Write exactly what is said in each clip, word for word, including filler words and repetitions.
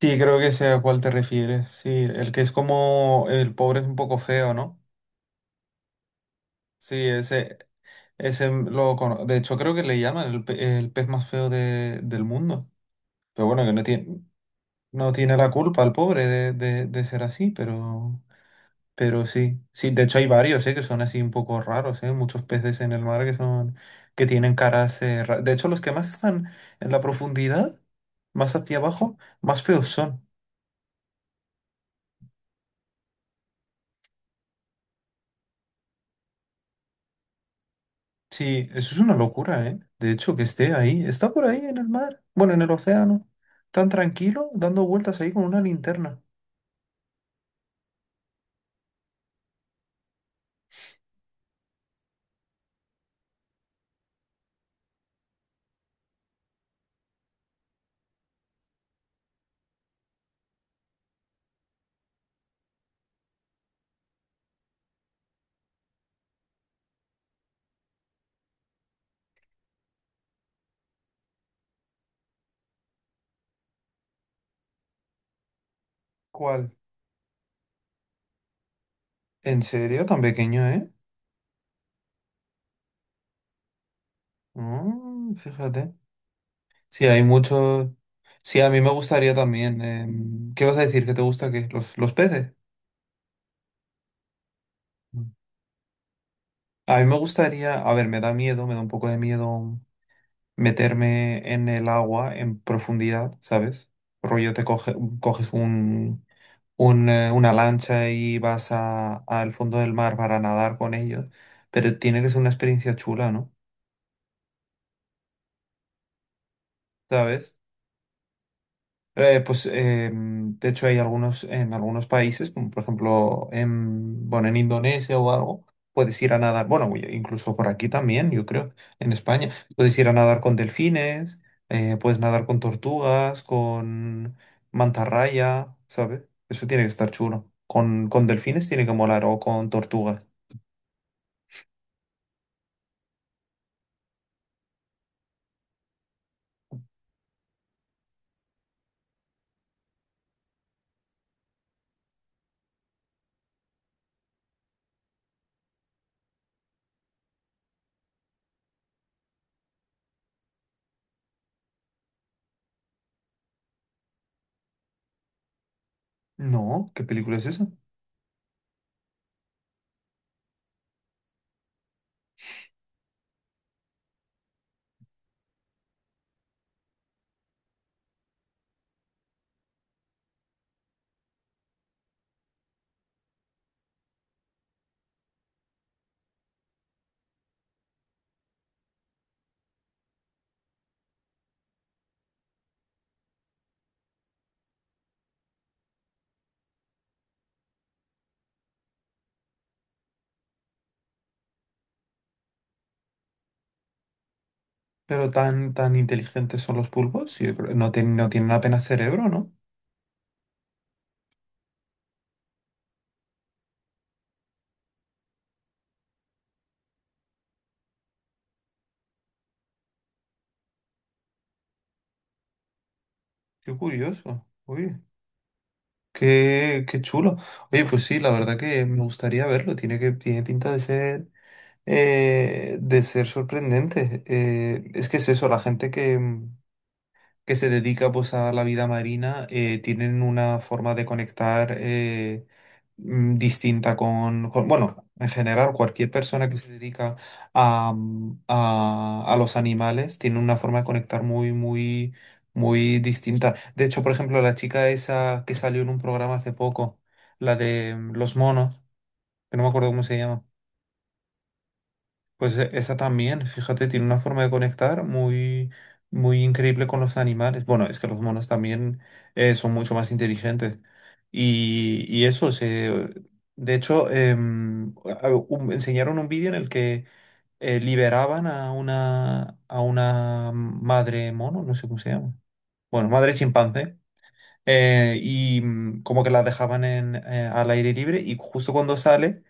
Sí, creo que sé a cuál te refieres. Sí, el que es como el pobre es un poco feo, ¿no? Sí, ese, ese lo cono- de hecho, creo que le llaman el, pe- el pez más feo de- del mundo. Pero bueno, que no tiene, no tiene la culpa el pobre de, de- de ser así, pero, pero sí. Sí, de hecho hay varios, ¿eh? Que son así un poco raros, ¿eh? Muchos peces en el mar que son, que tienen caras, eh, ra- de hecho, los que más están en la profundidad, más hacia abajo, más feos son. Sí, eso es una locura, ¿eh? De hecho, que esté ahí, está por ahí en el mar, bueno, en el océano, tan tranquilo, dando vueltas ahí con una linterna. ¿Cuál? ¿En serio? Tan pequeño, ¿eh? Mm, fíjate. Sí, hay muchos. Sí, a mí me gustaría también. em, ¿Qué vas a decir? ¿Que te gusta qué? ¿Los, los peces? Mm. A mí me gustaría. A ver, me da miedo, me da un poco de miedo meterme en el agua en profundidad, ¿sabes? Rollo, te coge- coges un un, eh, una lancha y vas a, al fondo del mar para nadar con ellos, pero tiene que ser una experiencia chula, ¿no? ¿Sabes? Eh, pues eh, de hecho hay algunos, en algunos países, como por ejemplo en, bueno, en Indonesia o algo, puedes ir a nadar, bueno, y- incluso por aquí también, yo creo, en España, puedes ir a nadar con delfines, eh, puedes nadar con tortugas, con mantarraya, ¿sabes? Eso tiene que estar chulo. Con, con delfines tiene que molar o con tortugas. No, ¿qué película es esa? Pero tan, tan inteligentes son los pulpos. Yo creo- no, tienen- no tienen apenas cerebro, ¿no? Qué curioso. Uy, qué, qué chulo. Oye, pues sí, la verdad que me gustaría verlo. Tiene que, tiene pinta de ser, eh, de ser sorprendente. Eh, es que es eso, la gente que, mm, que se dedica pues a la vida marina, eh, tienen una forma de conectar. Eh, mm, distinta con, con- bueno, en general, cualquier persona que se dedica a, mm, a, a los animales tiene una forma de conectar muy, muy, muy distinta. De hecho, por ejemplo, la chica esa que salió en un programa hace poco, la de mm, los monos, que no me acuerdo cómo se llama. Pues e- esa también, fíjate, tiene una forma de conectar muy, muy increíble con los animales. Bueno, es que los monos también, eh, son mucho más inteligentes. Y, y eso, se, de hecho, em, a- un- enseñaron un vídeo en el que eh, liberaban a una, a una madre mono, no sé cómo se llama. Bueno, madre chimpancé. Eh, y mm, como que la dejaban en, eh, al aire libre y justo cuando sale,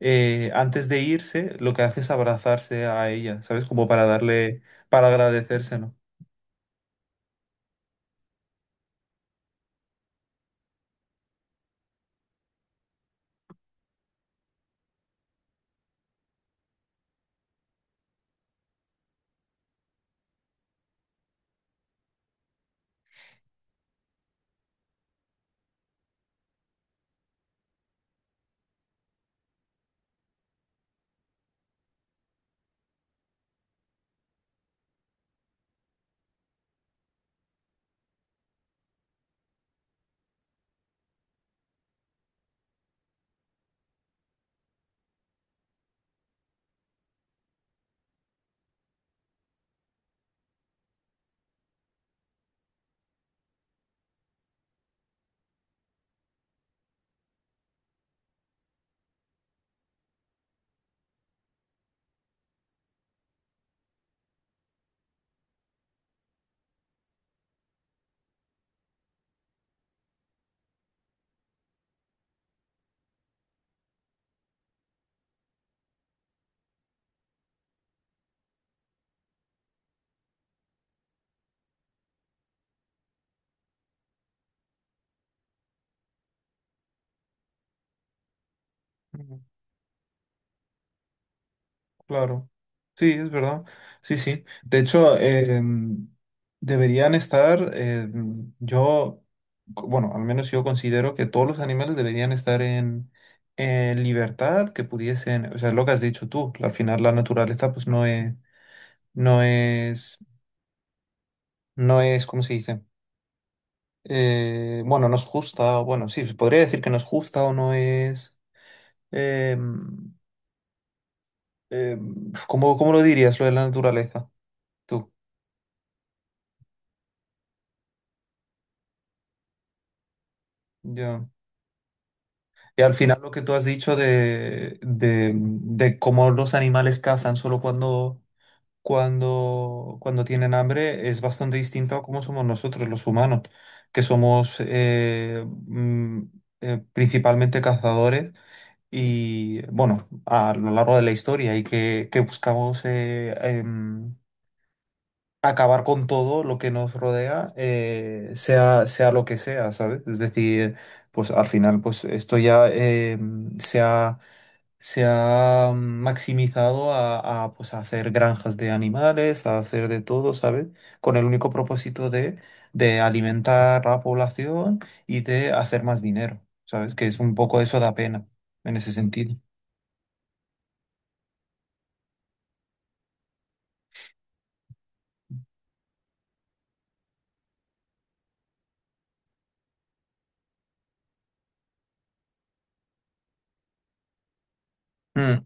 eh, antes de irse, lo que hace es abrazarse a ella, ¿sabes? Como para darle, para agradecérselo. Ujú. Claro. Sí, es verdad. Sí, sí. De hecho, eh, mm, deberían estar, eh, mm, yo, co- bueno, al menos yo considero que todos los animales deberían estar en, en libertad, que pudiesen, o sea, lo que has dicho tú, al final la naturaleza pues no es no es no es, ¿cómo se dice? Eh, bueno, no es justa, o bueno, sí, se podría decir que no es justa o no es. em, em, ¿Cómo, cómo lo dirías lo de la naturaleza? Tú, yo. Y al final lo que tú has dicho de, de, de cómo los animales cazan solo cuando, cuando, cuando tienen hambre es bastante distinto a cómo somos nosotros los humanos, que somos eh, mm, eh, principalmente cazadores. Y bueno, a lo largo de la historia y que, que buscamos eh, em, acabar con todo lo que nos rodea, eh, sea, sea lo que sea, ¿sabes? Es decir, pues al final, pues esto ya, em, se ha, se ha maximizado a, a, pues, a hacer granjas de animales, a hacer de todo, ¿sabes? Con el único propósito de, de alimentar a la población y de hacer más dinero, ¿sabes? Que es un poco eso, da pena en ese sentido. Mm.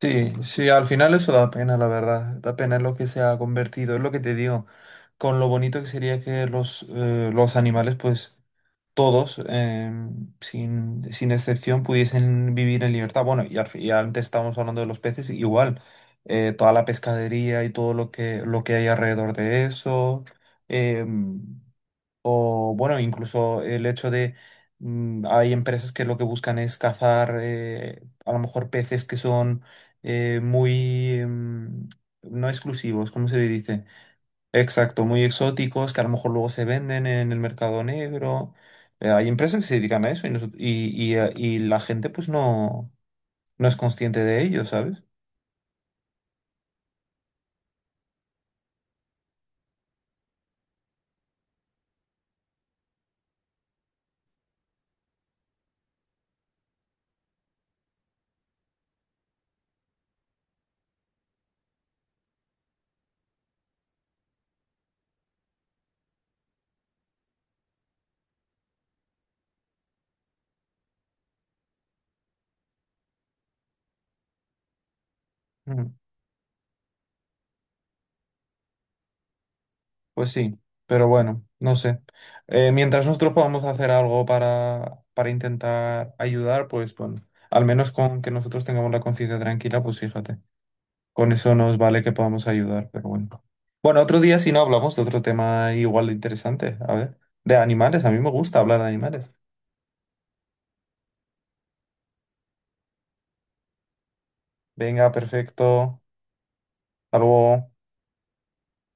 Sí, sí, al final eso da pena, la verdad. Da pena lo que se ha convertido, es lo que te digo. Con lo bonito que sería que los, eh, los animales, pues todos, eh, sin, sin excepción, pudiesen vivir en libertad. Bueno, y, al fi- y antes estábamos hablando de los peces, igual. Eh, toda la pescadería y todo lo que, lo que hay alrededor de eso. em, o bueno, incluso el hecho de, mm, hay empresas que lo que buscan es cazar, eh, a lo mejor peces que son, eh, muy mm, no exclusivos, ¿cómo se le dice? Exacto, muy exóticos, que a lo mejor luego se venden en el mercado negro. Eh, hay empresas que se dedican a eso y, noso- y, y, eh, y la gente pues no, no es consciente de ello, ¿sabes? Pues sí, pero bueno, no sé. Eh, mientras nosotros podamos hacer algo para, para intentar ayudar, pues bueno, al menos con que nosotros tengamos la conciencia tranquila, pues fíjate, con eso nos vale que podamos ayudar, pero bueno. Bueno, otro día si no hablamos de otro tema igual de interesante, a ver, de animales, a mí me gusta hablar de animales. Venga, perfecto, hasta luego.